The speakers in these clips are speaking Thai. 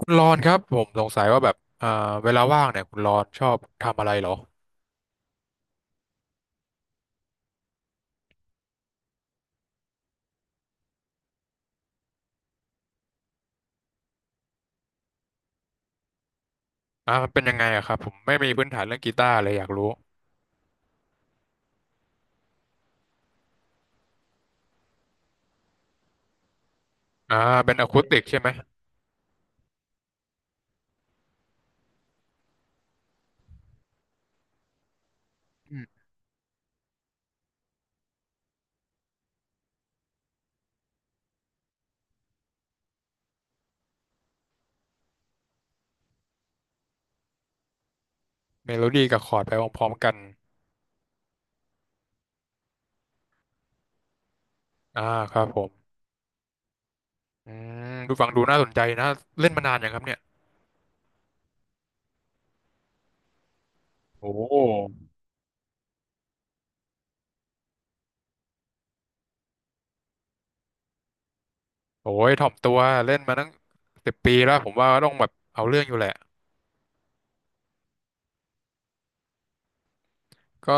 คุณรอนครับผมสงสัยว่าแบบเวลาว่างเนี่ยคุณรอนชอบทำอะไรเหรอมันเป็นยังไงอะครับผมไม่มีพื้นฐานเรื่องกีตาร์เลยอยากรู้อ่าเป็นอะคูสติกใช่ไหมอืมเมโลดี้กับคอร์ดไปพร้อมๆกันอ่าครับผมอืมดูฟังดูน่าสนใจนะเล่นมานานยังครับเนี่ยโอ้โหทยถ่อมตัวเล่นมาตั้ง10 ปีแล้วผมว่าต้องแบบเอาเรื่องอยู่แหละก็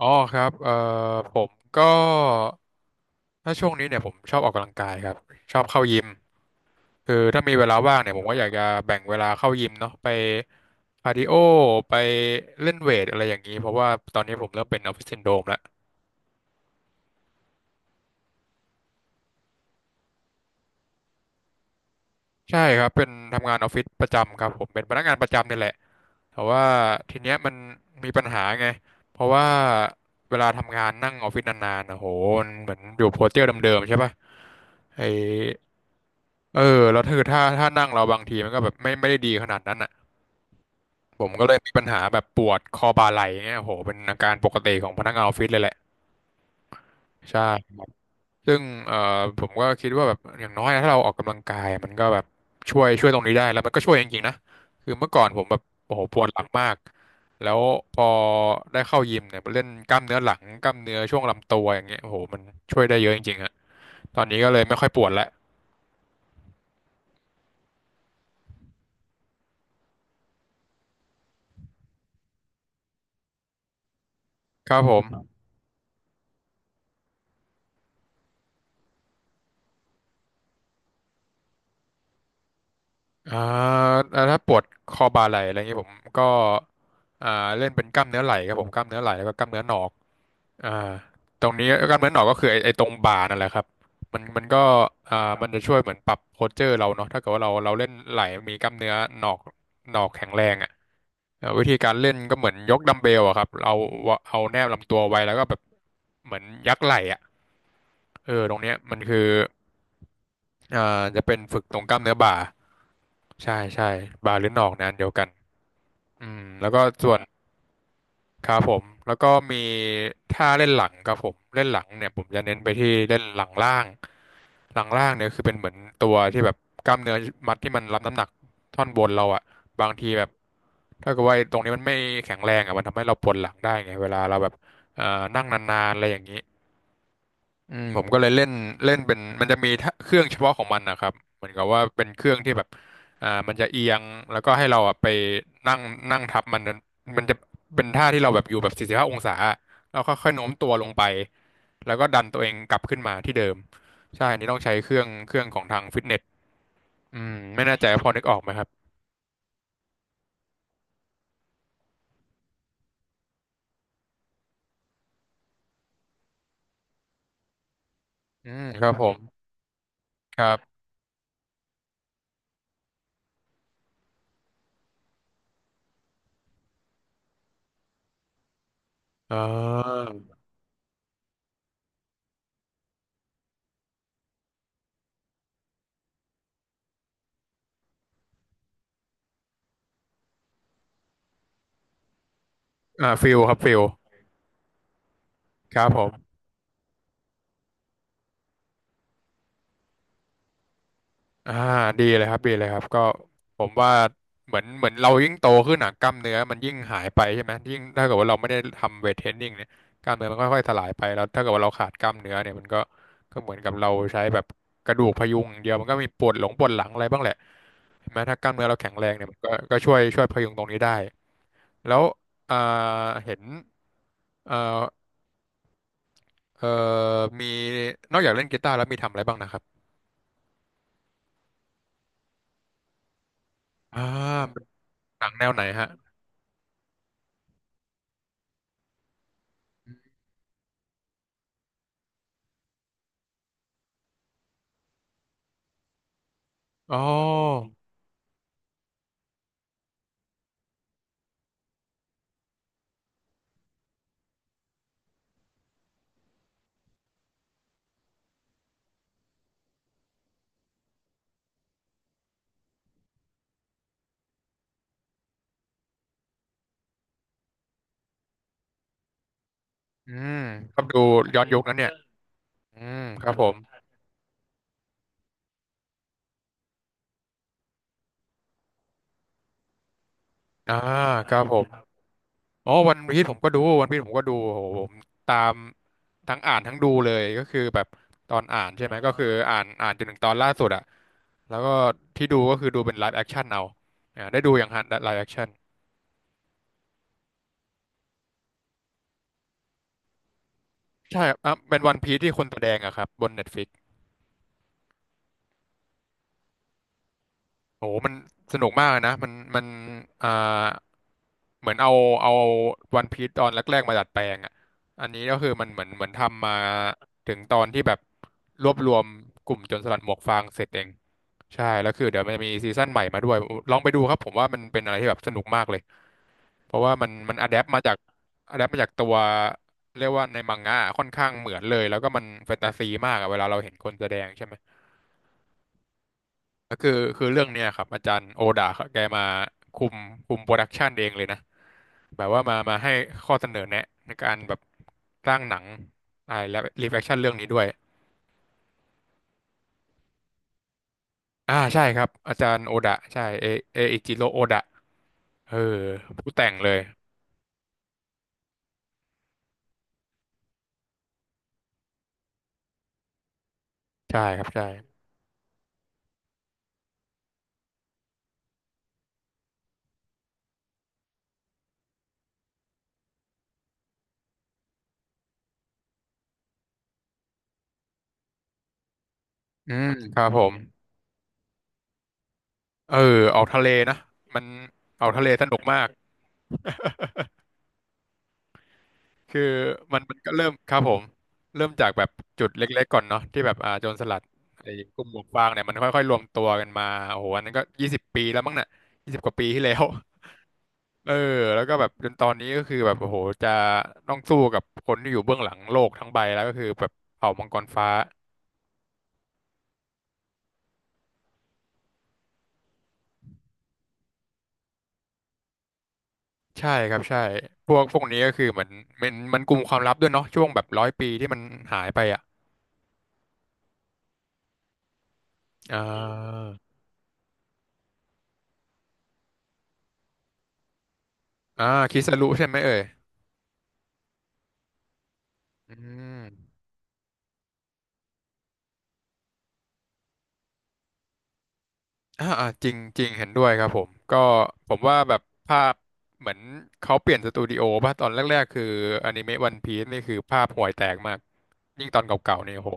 อ๋อครับผมก็ถ้าช่วงนี้เนี่ยผมชอบออกกำลังกายครับชอบเข้ายิม คือถ้ามีเวลาว่างเนี่ยผมก็อยากจะแบ่งเวลาเข้ายิมเนาะไปคาร์ดิโอไปเล่นเวทอะไรอย่างนี้เพราะว่าตอนนี้ผมเริ่มเป็นออฟฟิศซินโดรมแล้วใช่ครับเป็นทำงานออฟฟิศประจำครับผมเป็นพนักงานประจำนี่แหละแต่ว่าทีเนี้ยมันมีปัญหาไงเพราะว่าเวลาทำงานนั่งออฟฟิศนานๆนะโหมันเหมือนอยู่โพสเจอร์เดิมๆใช่ป่ะไอเออแล้วคือถ้านั่งเราบางทีมันก็แบบไม่ได้ดีขนาดนั้นอ่ะ ผมก็เลยมีปัญหาแบบปวดคอบ่าไหล่เนี่ยโหเป็นอาการปกติของพนักงานออฟฟิศเลยแหละใช่ครับซึ่งผมก็คิดว่าแบบอย่างน้อยนะถ้าเราออกกำลังกายมันก็แบบช่วยตรงนี้ได้แล้วมันก็ช่วยจริงๆนะคือเมื่อก่อนผมแบบโอ้โหปวดหลังมากแล้วพอได้เข้ายิมเนี่ยไปเล่นกล้ามเนื้อหลังกล้ามเนื้อช่วงลำตัวอย่างเงี้ยโอ้โหมันช่วยได้เยอะจริงๆฮะตอนนี้ก็เลยไม่ค่อยปวดแล้วครับผม อ่าแล้วถ้าปวดคอบ่าไหล่อะไรเงงี้ยผมก็อ่าเล่นเป็นกล้ามเนื้อไหล่ครับผมกล้ามเนื้อไหล่แล้วก็กล้ามเนื้อหนอกอ่าตรงนี้กล้ามเนื้อหนอกก็คือไอ้ตรงบ่านั่นแหละครับมันก็อ่ามันจะช่วยเหมือนปรับโพสเจอร์เราเนาะถ้าเกิดว่าเราเล่นไหล่มีกล้ามเนื้อหนอกหนอกแข็งแรงอ่ะอ่าวิธีการเล่นก็เหมือนยกดัมเบลอะครับเราเอาแนบลำตัวไว้แล้วก็แบบเหมือนยักไหล่อ่ะเออตรงเนี้ยมันคืออ่าจะเป็นฝึกตรงกล้ามเนื้อบ่าใช่บ่าหรือหนอกนะอันเดียวกัน อืมแล้วก็ส่วนครับผมแล้วก็มีท่าเล่นหลังครับผมเล่นหลังเนี่ยผมจะเน้นไปที่เล่นหลังล่างหลังล่างเนี่ยคือเป็นเหมือนตัวที่แบบกล้ามเนื้อมัดที่มันรับน้ำหนักท่อนบนเราอะบางทีแบบถ้าเกิดว่าไอ้ตรงนี้มันไม่แข็งแรงอะมันทำให้เราปวดหลังได้ไงเวลาเราแบบเอ่อนั่งนานๆอะไรอย่างนี้ อืมผมก็เลยเล่นเล่นเป็นมันจะมีถ้าเครื่องเฉพาะของมันนะครับเหมือนกับว่าเป็นเครื่องที่แบบมันจะเอียงแล้วก็ให้เราอ่ะไปนั่งนั่งทับมันนั้นมันจะเป็นท่าที่เราแบบอยู่แบบ45 องศาแล้วค่อยๆโน้มตัวลงไปแล้วก็ดันตัวเองกลับขึ้นมาที่เดิมใช่อันนี้ต้องใช้เครื่องของทางฟิตเนสอืมไม่แน่ใจว่าพอนึกออกไหมครับอืมครับผมครับอ่าอ่าฟิลครับฟิลครับผม อ่าดีเลยครับดีเลยครับก็ผมว่าเหมือนเรายิ่งโตขึ้นหนักกล้ามเนื้อมันยิ่งหายไปใช่ไหมยิ่งถ้าเกิดว่าเราไม่ได้ทำเวทเทรนนิ่งเนี่ยกล้ามเนื้อมันค่อยๆสลายไปแล้วถ้าเกิดว่าเราขาดกล้ามเนื้อเนี่ยมันก็ก็เหมือนกับเราใช้แบบกระดูกพยุงอย่างเดียวมันก็มีปวดหลงปวดหลังอะไรบ้างแหละใช่ไหมถ้ากล้ามเนื้อเราแข็งแรงเนี่ยมันก็ก็ช่วยพยุงตรงนี้ได้แล้วอ่าเห็นเอ่อเอ่อมีนอกจากเล่นกีตาร์แล้วมีทำอะไรบ้างนะครับอ่าเป็นหนังแนวไหนฮะอ๋อ อืมกดูย้อนยุคนั้นเนี่ยอืมครับผมอ่าครับผมอ๋อวันพีชผมก็ดูวันพีชผมก็ดูโหผมตามทั้งอ่านทั้งดูเลยก็คือแบบตอนอ่านใช่ไหมก็คืออ่านจนถึงตอนล่าสุดอะแล้วก็ที่ดูก็คือดูเป็นไลฟ์แอคชั่นเอาอ่าได้ดูอย่างฮะไลฟ์แอคชั่นใช่ครับอ่ะเป็นวันพีชที่คนแสดงอะครับบน Netflix โอ้โหมันสนุกมากเลยนะมันอ่าเหมือนเอาวันพีซตอนแรกๆมาดัดแปลงอ่ะอันนี้ก็คือมันเหมือนทำมาถึงตอนที่แบบรวบรวมกลุ่มโจรสลัดหมวกฟางเสร็จเองใช่แล้วคือเดี๋ยวมันจะมีซีซั่นใหม่มาด้วยลองไปดูครับผมว่ามันเป็นอะไรที่แบบสนุกมากเลยเพราะว่ามันอะแดปมาจากอะแดปมาจากตัวเรียกว่าในมังงะค่อนข้างเหมือนเลยแล้วก็มันแฟนตาซีมากอะเวลาเราเห็นคนแสดงใช่ไหม ก็คือคือเรื่องเนี้ยครับอาจารย์โอดาแกมาคุมคุมโปรดักชันเองเลยนะแบบว่ามาให้ข้อเสนอแนะในการแบบสร้างหนังอ่าและรีแฟคชั่นเรื่องนี้ด้วยอ่าใช่ครับอาจารย์โอดะใช่เอเออิจิโรโอดะเออผู้แต่งเลยใช่ครับใช่อืมครับผมเออออกทะเลนะมันออกทะเลสนุกมาก คือมันก็เริ่มครับผมเริ่มจากแบบจุดเล็กๆก่อนเนาะที่แบบอ่าโจรสลัดไอ้กลุ่มหมวกฟางเนี่ยมันค่อยๆรวมตัวกันมาโอ้โหอันนั้นก็20 ปีแล้วมั้งน่ะ20 กว่าปีที่แล้ว เออแล้วก็แบบจนตอนนี้ก็คือแบบโอ้โหจะต้องสู้กับคนที่อยู่เบื้องหลังโลกทั้งใบแล้วก็คือแบบเผ่ามังกรฟ้าใช่ครับใช่พวกนี้ก็คือเหมือนมันกลุ่มความลับด้วยเนาะช่วงแบบ100 ปีที่มันหายไปอ่ะอ่าอ่าคิสรุใช่ไหมเอ่ยอืม อ่าอ่าจริงจริงเห็นด้วยครับผมก็ผมว่าแบบภาพเหมือนเขาเปลี่ยนสตูดิโอป่ะตอนแรกๆคืออนิเมะวันพีซนี่คือภาพห่วยแตกมากยิ่งตอนเก่าๆเนี่ยโห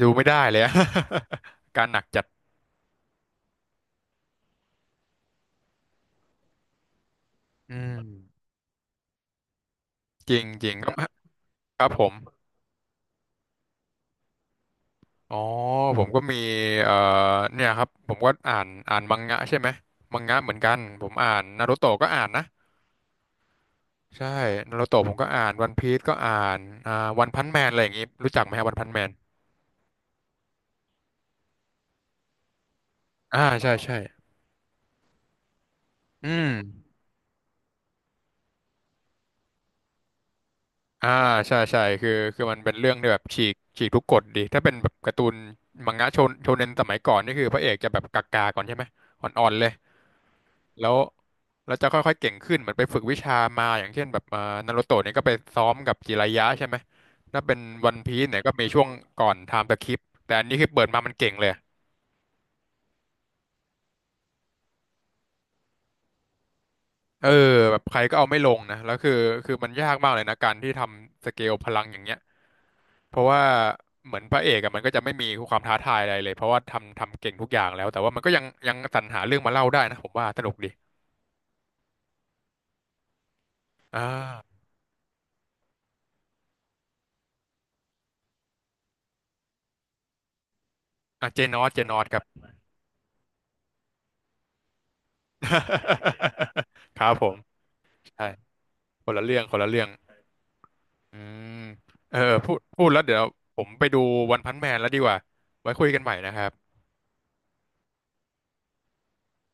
ดูไม่ได้เลยอะ การหนักจัดอืมจริงจริงครับครับผมอ๋อผมก็มีเอ่อเนี่ยครับผมก็อ่านมังงะใช่ไหมมังงะเหมือนกันผมอ่านนารูโตะก็อ่านนะใช่นารูโตะผมก็อ่านวันพีซก็อ่านอ่าวันพันแมนอะไรอย่างงี้รู้จักไหมฮะวันพันแมนอ่าใช่ใช่ อืม อ่า ใช่ใช่คือ คือ มันเป็นเรื่องที่แบบ ฉีก ฉีกทุกกฎดีถ้าเป็นแบบการ์ตูนมังงะโชนโชเนนสมัยก่อน นี่คือพระเอกจะแบบกากๆก่อนใช่ไหมอ่อนๆเลยแล้ว แล้วจะค่อยๆ เก่งขึ้นเหมือนไปฝึกวิชามา อย่างเช่นแบบนารูโตะเนี่ยก็ไปซ้อมกับจิรายะใช่ไหมถ้าเป็นวันพีซเนี่ยก็มีช่วงก่อนไทม์สคิปแต่อันนี้คือเปิดมามันเก่งเลย เออแบบใครก็เอาไม่ลงนะแล้วคือคือมันยากมากเลยนะการที่ทำสเกลพลังอย่างเงี้ยเพราะว่าเหมือนพระเอกอะมันก็จะไม่มีความท้าทายอะไรเลยเพราะว่าทำเก่งทุกอย่างแล้วแต่ว่ามันก็ยังสรรหาเรื่องมาเล่าได้นะผมว่าสนุกดีอ่าอ่ะเจนอสครับ ครับผมใช่คนละเรื่องคนละเรื่องอืมเออพูดแล้วเดี๋ยวผมไปดูวันพันแมนแล้วดีกว่าไว้คุยกันใหม่นะครับ